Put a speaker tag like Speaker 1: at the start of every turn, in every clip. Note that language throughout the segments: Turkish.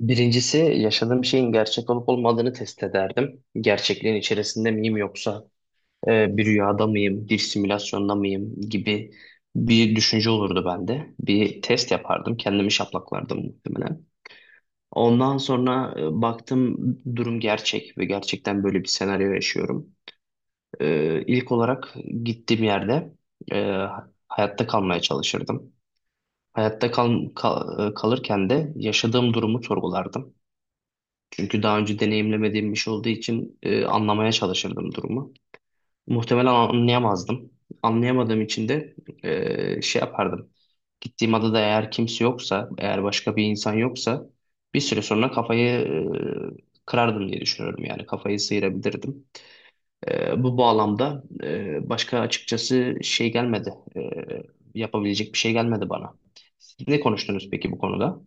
Speaker 1: Birincisi yaşadığım şeyin gerçek olup olmadığını test ederdim. Gerçekliğin içerisinde miyim yoksa bir rüyada mıyım, bir simülasyonda mıyım gibi bir düşünce olurdu bende. Bir test yapardım, kendimi şaplaklardım muhtemelen. Ondan sonra baktım durum gerçek ve gerçekten böyle bir senaryo yaşıyorum. İlk olarak gittiğim yerde e, hayatta kalmaya çalışırdım. Hayatta kal kal- e, Kalırken de yaşadığım durumu sorgulardım. Çünkü daha önce deneyimlemediğim bir şey olduğu için anlamaya çalışırdım durumu. Muhtemelen anlayamazdım. Anlayamadığım için de şey yapardım. Gittiğim adada eğer kimse yoksa, eğer başka bir insan yoksa bir süre sonra kafayı kırardım diye düşünüyorum. Yani kafayı sıyırabilirdim. Bu bağlamda başka açıkçası şey gelmedi. Yapabilecek bir şey gelmedi bana. Siz ne konuştunuz peki bu konuda?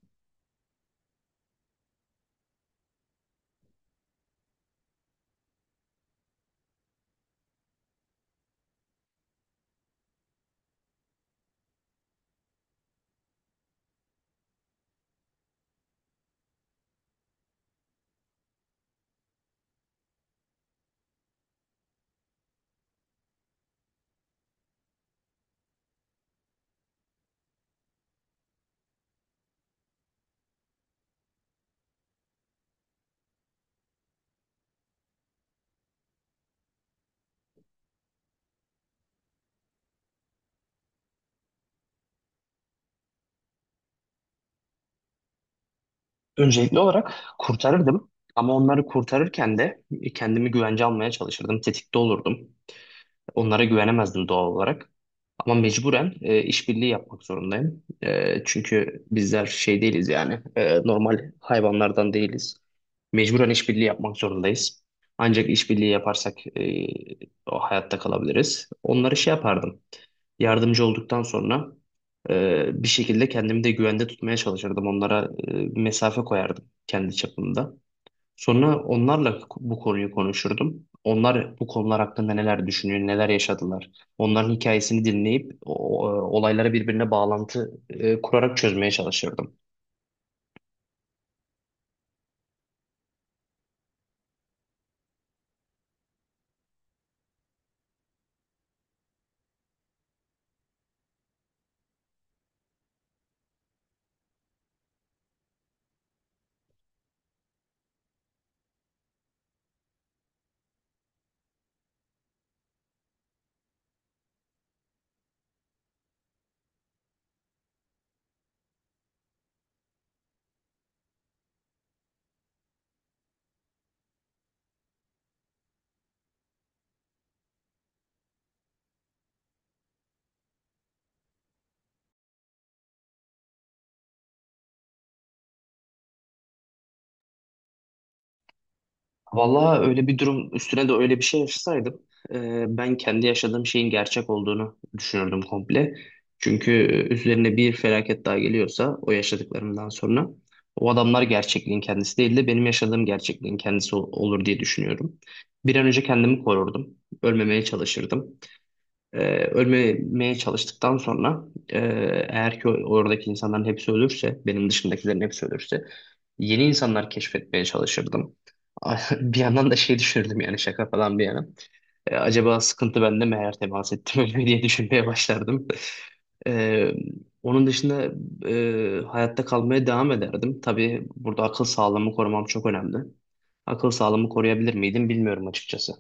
Speaker 1: Öncelikli olarak kurtarırdım ama onları kurtarırken de kendimi güvence almaya çalışırdım. Tetikte olurdum. Onlara güvenemezdim doğal olarak. Ama mecburen işbirliği yapmak zorundayım. Çünkü bizler şey değiliz yani normal hayvanlardan değiliz. Mecburen işbirliği yapmak zorundayız. Ancak işbirliği yaparsak o hayatta kalabiliriz. Onları şey yapardım. Yardımcı olduktan sonra bir şekilde kendimi de güvende tutmaya çalışırdım. Onlara mesafe koyardım kendi çapımda. Sonra onlarla bu konuyu konuşurdum. Onlar bu konular hakkında neler düşünüyor, neler yaşadılar. Onların hikayesini dinleyip olayları birbirine bağlantı kurarak çözmeye çalışırdım. Vallahi öyle bir durum üstüne de öyle bir şey yaşasaydım ben kendi yaşadığım şeyin gerçek olduğunu düşünürdüm komple. Çünkü üzerine bir felaket daha geliyorsa o yaşadıklarımdan sonra o adamlar gerçekliğin kendisi değil de benim yaşadığım gerçekliğin kendisi olur diye düşünüyorum. Bir an önce kendimi korurdum. Ölmemeye çalışırdım. Ee, Ölmemeye çalıştıktan sonra e, eğer ki oradaki insanların hepsi ölürse, benim dışındakilerin hepsi ölürse yeni insanlar keşfetmeye çalışırdım. Bir yandan da şey düşünürdüm yani şaka falan bir yana. Acaba sıkıntı bende mi eğer temas ettim ölüme diye düşünmeye başlardım. Ee, Onun dışında hayatta kalmaya devam ederdim. Tabii burada akıl sağlığımı korumam çok önemli. Akıl sağlığımı koruyabilir miydim bilmiyorum açıkçası.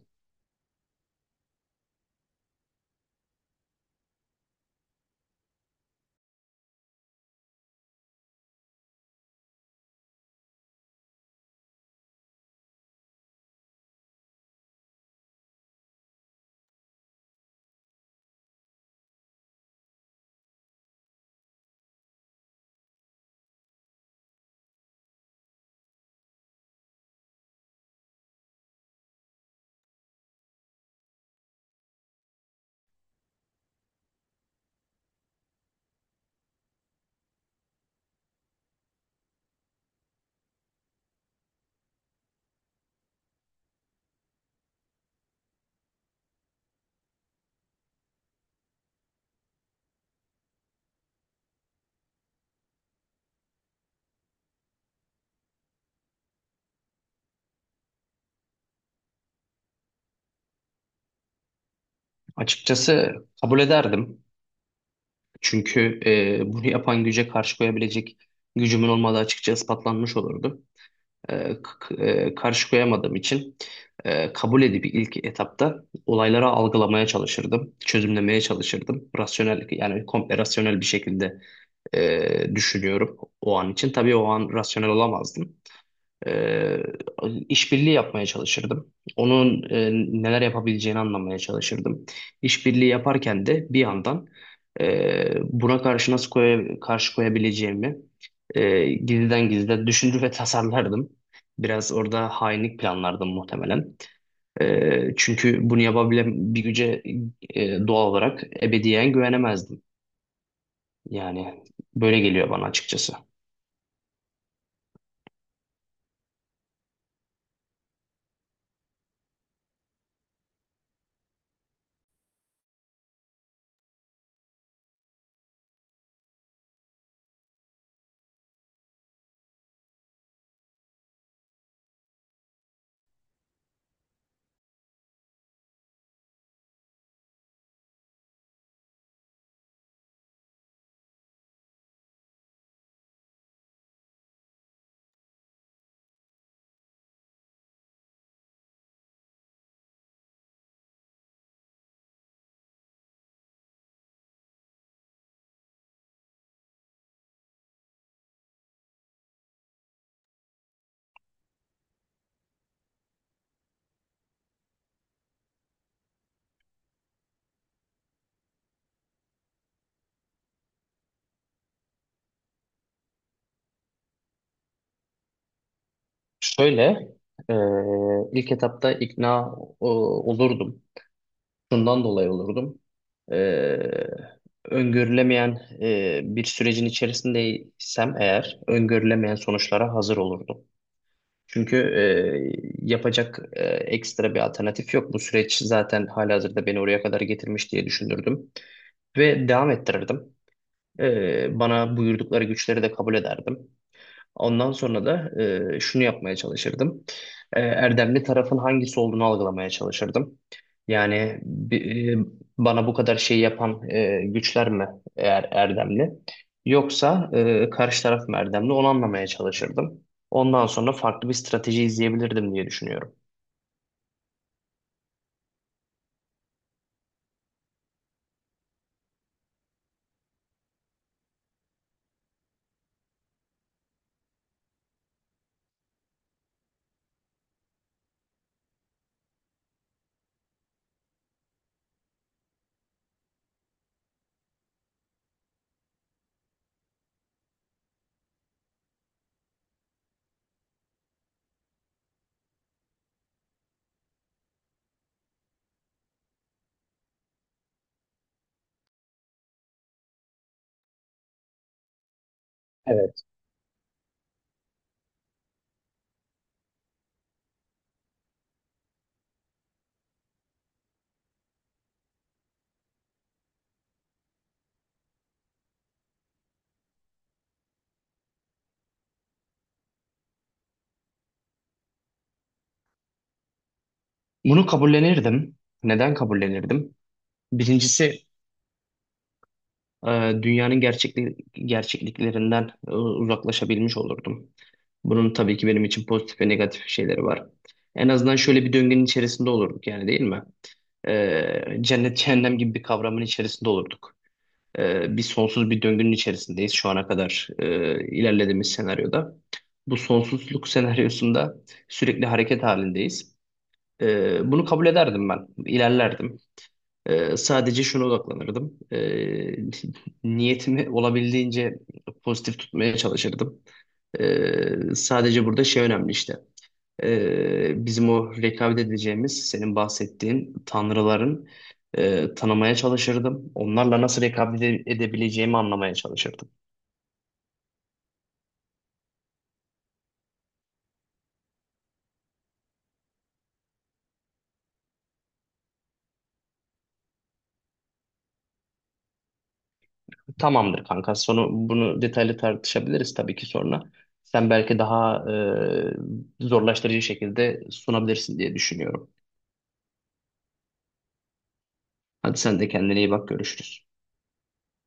Speaker 1: Açıkçası kabul ederdim. Çünkü bunu yapan güce karşı koyabilecek gücümün olmadığı açıkça ispatlanmış olurdu. E, k- Karşı koyamadığım için kabul edip ilk etapta olayları algılamaya çalışırdım, çözümlemeye çalışırdım. Rasyonel yani komple rasyonel bir şekilde düşünüyorum o an için. Tabii o an rasyonel olamazdım. Ee, işbirliği yapmaya çalışırdım. Onun neler yapabileceğini anlamaya çalışırdım. İşbirliği yaparken de bir yandan buna karşı karşı koyabileceğimi gizliden gizlide düşünür ve tasarlardım. Biraz orada hainlik planlardım muhtemelen. Çünkü bunu yapabilen bir güce doğal olarak ebediyen güvenemezdim. Yani böyle geliyor bana açıkçası. Şöyle, e, ilk etapta ikna olurdum. Şundan dolayı olurdum. E, Öngörülemeyen bir sürecin içerisindeysem eğer, öngörülemeyen sonuçlara hazır olurdum. Çünkü yapacak ekstra bir alternatif yok. Bu süreç zaten halihazırda beni oraya kadar getirmiş diye düşünürdüm. Ve devam ettirirdim. Bana buyurdukları güçleri de kabul ederdim. Ondan sonra da şunu yapmaya çalışırdım. Erdemli tarafın hangisi olduğunu algılamaya çalışırdım. Yani bana bu kadar şey yapan güçler mi eğer erdemli? Yoksa karşı taraf mı erdemli? Onu anlamaya çalışırdım. Ondan sonra farklı bir strateji izleyebilirdim diye düşünüyorum. Evet. Bunu kabullenirdim. Neden kabullenirdim? Birincisi dünyanın gerçekliklerinden uzaklaşabilmiş olurdum. Bunun tabii ki benim için pozitif ve negatif şeyleri var. En azından şöyle bir döngünün içerisinde olurduk yani değil mi? Cennet cehennem gibi bir kavramın içerisinde olurduk. E, bir Sonsuz bir döngünün içerisindeyiz şu ana kadar ilerlediğimiz senaryoda. Bu sonsuzluk senaryosunda sürekli hareket halindeyiz. Bunu kabul ederdim ben, ilerlerdim. Sadece şuna odaklanırdım. Niyetimi olabildiğince pozitif tutmaya çalışırdım. Sadece burada şey önemli işte. Bizim o rekabet edeceğimiz, senin bahsettiğin tanrıların tanımaya çalışırdım. Onlarla nasıl edebileceğimi anlamaya çalışırdım. Tamamdır kanka. Sonu bunu detaylı tartışabiliriz tabii ki sonra. Sen belki daha zorlaştırıcı şekilde sunabilirsin diye düşünüyorum. Hadi sen de kendine iyi bak, görüşürüz.